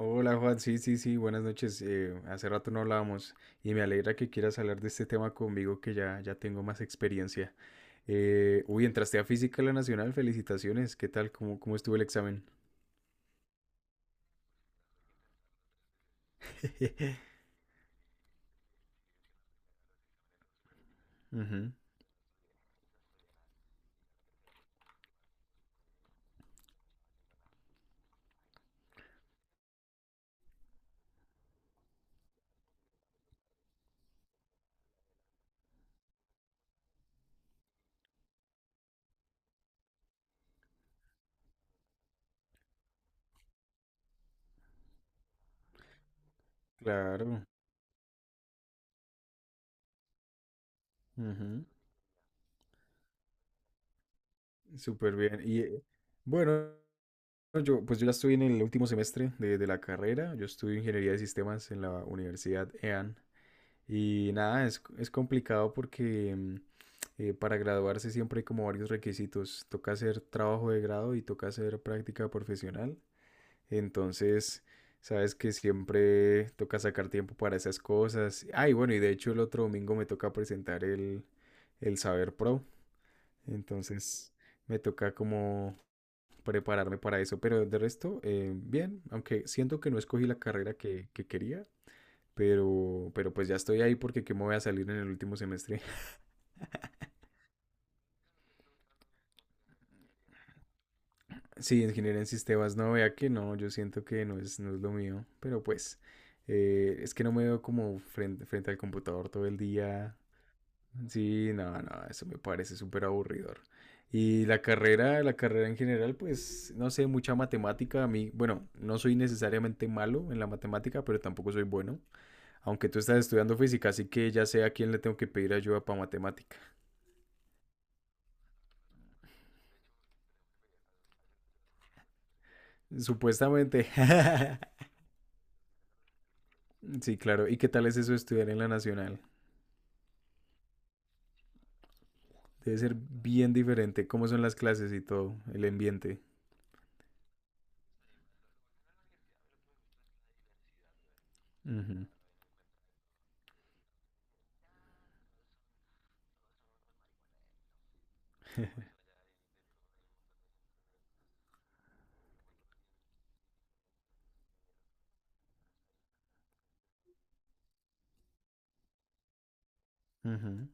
Hola Juan, sí, sí, sí, buenas noches. Hace rato no hablábamos y me alegra que quieras hablar de este tema conmigo que ya tengo más experiencia. Uy, entraste a Física de la Nacional, felicitaciones. ¿Qué tal? ¿Cómo estuvo el examen? Ujú, claro, ujú, súper bien. Y bueno, yo pues yo ya estoy en el último semestre de la carrera. Yo estudio Ingeniería de Sistemas en la Universidad EAN. Y nada, es complicado porque para graduarse siempre hay como varios requisitos. Toca hacer trabajo de grado y toca hacer práctica profesional. Entonces, sabes que siempre toca sacar tiempo para esas cosas. Ay, bueno, y de hecho el otro domingo me toca presentar el Saber Pro. Entonces, me toca como prepararme para eso. Pero de resto, bien, aunque siento que no escogí la carrera que quería, pero pues ya estoy ahí porque ¿qué me voy a salir en el último semestre? Sí, ingeniería en sistemas, no, vea que no, yo siento que no es lo mío, pero pues es que no me veo como frente al computador todo el día. Sí, no, no, eso me parece súper aburridor. Y la carrera en general, pues, no sé, mucha matemática. A mí, bueno, no soy necesariamente malo en la matemática, pero tampoco soy bueno. Aunque tú estás estudiando física, así que ya sé a quién le tengo que pedir ayuda para matemática. Supuestamente. Sí, claro. ¿Y qué tal es eso estudiar en la nacional? Debe ser bien diferente. ¿Cómo son las clases y todo? El ambiente. Ujú. Ujú.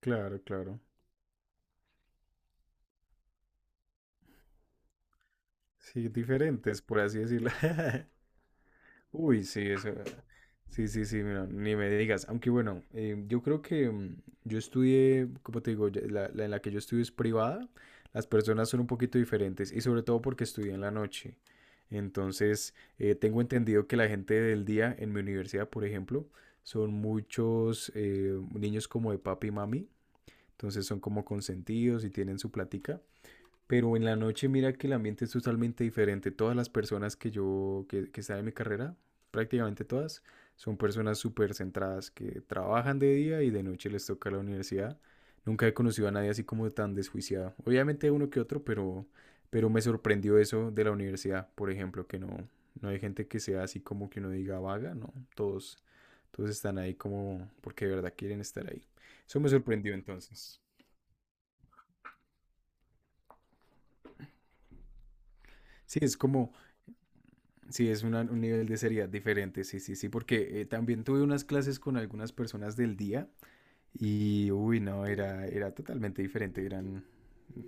Claro, claro. Sí, diferentes, por así decirlo. Uy, sí, eso. Sí, sí, sí, mira, ni me digas. Aunque bueno, yo creo que yo estudié, como te digo, la en la que yo estudio es privada, las personas son un poquito diferentes y sobre todo porque estudié en la noche. Entonces, tengo entendido que la gente del día en mi universidad, por ejemplo, son muchos niños como de papi y mami. Entonces son como consentidos y tienen su plática. Pero en la noche mira que el ambiente es totalmente diferente. Todas las personas que están en mi carrera, prácticamente todas, son personas súper centradas que trabajan de día y de noche les toca la universidad. Nunca he conocido a nadie así como tan desjuiciado. Obviamente uno que otro, pero me sorprendió eso de la universidad, por ejemplo, que no, no hay gente que sea así como que uno diga vaga, no, todos están ahí como porque de verdad quieren estar ahí. Eso me sorprendió entonces. Sí, es como. Sí, es un nivel de seriedad diferente, sí, sí, sí, porque también tuve unas clases con algunas personas del día y, uy, no, era totalmente diferente,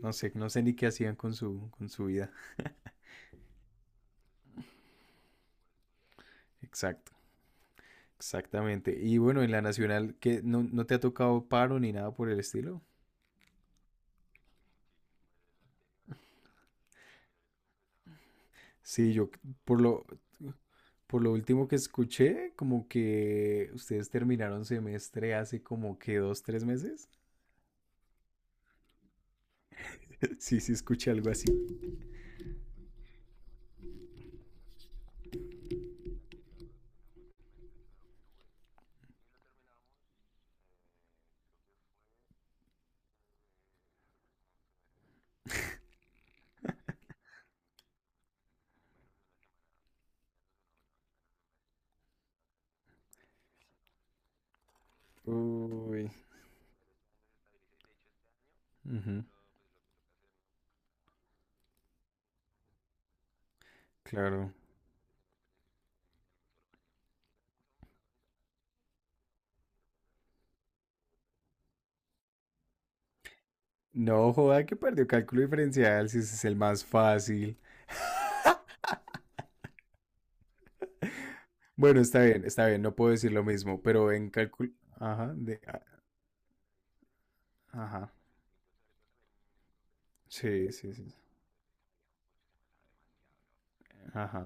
no sé ni qué hacían con su vida. Exacto, exactamente. Y bueno, en la nacional, ¿qué, no te ha tocado paro ni nada por el estilo? Sí, por lo, por lo último que escuché, como que ustedes terminaron semestre hace como que dos, tres meses. Sí, sí, escuché algo así. Uy, ujú, claro. No joda que perdió cálculo diferencial, si ese es el más fácil. Bueno, está bien, no puedo decir lo mismo, pero en cálculo. Ajá, ajá, sí, sí, sí. Ajá.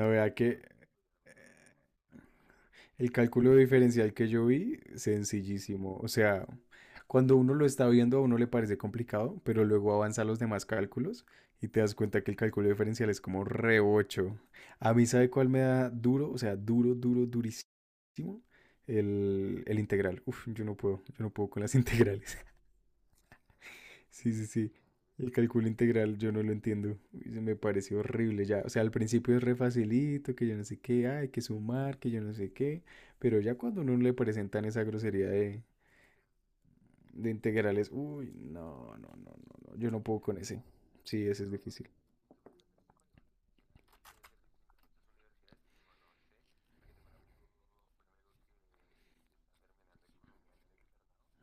No vea que el cálculo diferencial que yo vi, sencillísimo. O sea, cuando uno lo está viendo a uno le parece complicado, pero luego avanza a los demás cálculos y te das cuenta que el cálculo diferencial es como re 8. A mí, ¿sabe cuál me da duro? O sea, duro, duro, el integral. Uf, yo no puedo con las integrales. Sí, sí, sí. El cálculo integral yo no lo entiendo. Uy, se me pareció horrible ya. O sea, al principio es re facilito, que yo no sé qué, ah, hay que sumar, que yo no sé qué. Pero ya cuando uno le presentan esa grosería de integrales, uy, no, no, no, no, no. Yo no puedo con ese. Sí, ese es difícil.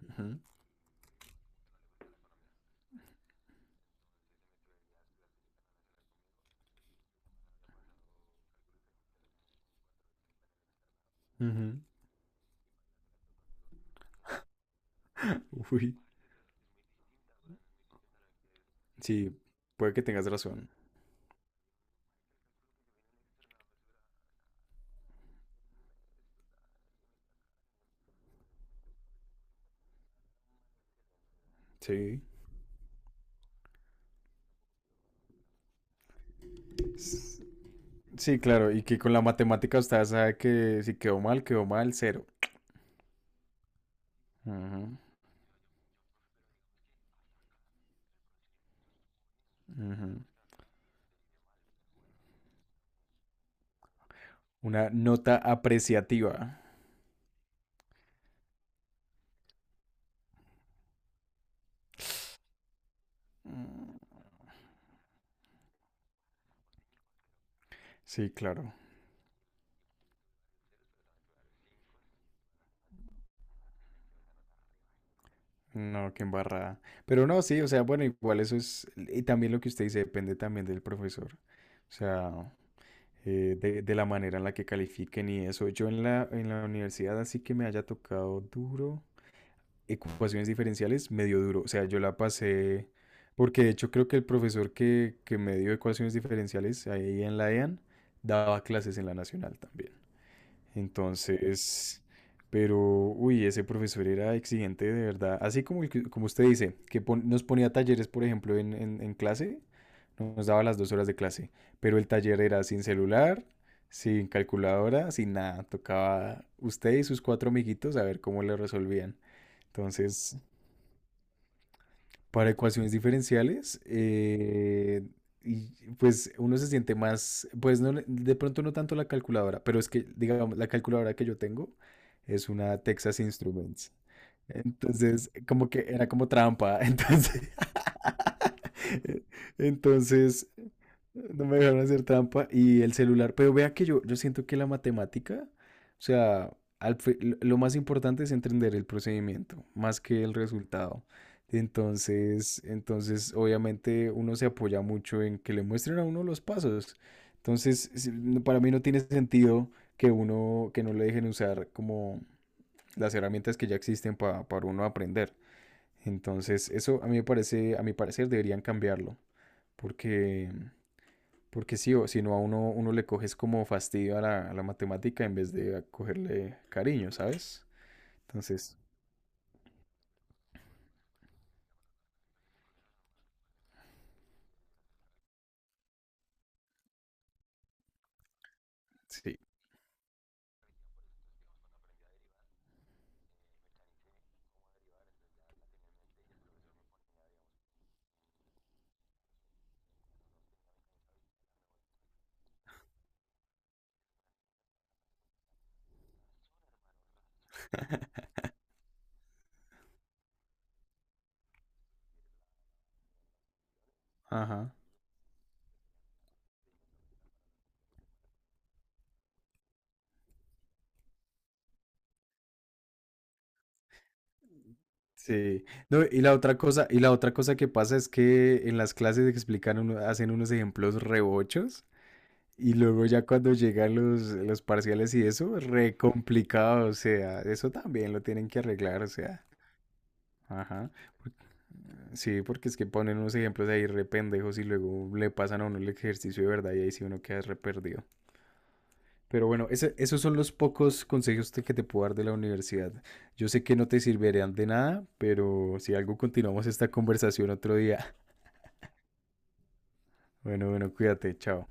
Ujú, ujú. Uy, sí, puede que tengas razón. Sí. Sí, claro, y que con la matemática usted sabe que si quedó mal, quedó mal, cero. Ujú, ujú. Una nota apreciativa. Mm. Sí, claro. No, qué embarrada. Pero no, sí, o sea, bueno, igual eso es, y también lo que usted dice depende también del profesor. O sea, de la manera en la que califiquen y eso. Yo en la universidad así que me haya tocado duro. Ecuaciones diferenciales, me dio duro. O sea, yo la pasé, porque de hecho creo que el profesor que me dio ecuaciones diferenciales ahí en la EAN daba clases en la Nacional también. Entonces, pero, uy, ese profesor era exigente de verdad. Así como, como usted dice, que nos ponía talleres, por ejemplo, en clase, nos daba las dos horas de clase, pero el taller era sin celular. Sin calculadora, sin nada. Tocaba usted y sus cuatro amiguitos a ver cómo le resolvían. Entonces, para ecuaciones diferenciales, y pues uno se siente más, pues no, de pronto no tanto la calculadora, pero es que, digamos, la calculadora que yo tengo es una Texas Instruments. Entonces, como que era como trampa. Entonces, entonces no me dejaron hacer trampa y el celular, pero vea que yo siento que la matemática, o sea, al fi- lo más importante es entender el procedimiento, más que el resultado. Entonces, obviamente uno se apoya mucho en que le muestren a uno los pasos. Entonces, para mí no tiene sentido que uno, que no le dejen usar como las herramientas que ya existen para uno aprender. Entonces, eso a mí me parece, a mi parecer deberían cambiarlo, porque porque sí, o si no a uno, uno le coges como fastidio a la matemática en vez de a cogerle cariño, ¿sabes? Entonces, sí, ajá. Sí. No, y la otra cosa, y la otra cosa que pasa es que en las clases explican uno, hacen unos ejemplos rebochos y luego ya cuando llegan los parciales y eso, re complicado, o sea, eso también lo tienen que arreglar, o sea, ajá. Por- Sí, porque es que ponen unos ejemplos ahí re pendejos y luego le pasan a uno el ejercicio de verdad y ahí sí uno queda re perdido. Pero bueno, esos son los pocos consejos que te puedo dar de la universidad. Yo sé que no te servirán de nada, pero si algo continuamos esta conversación otro día. Bueno, bueno, cuídate, chao.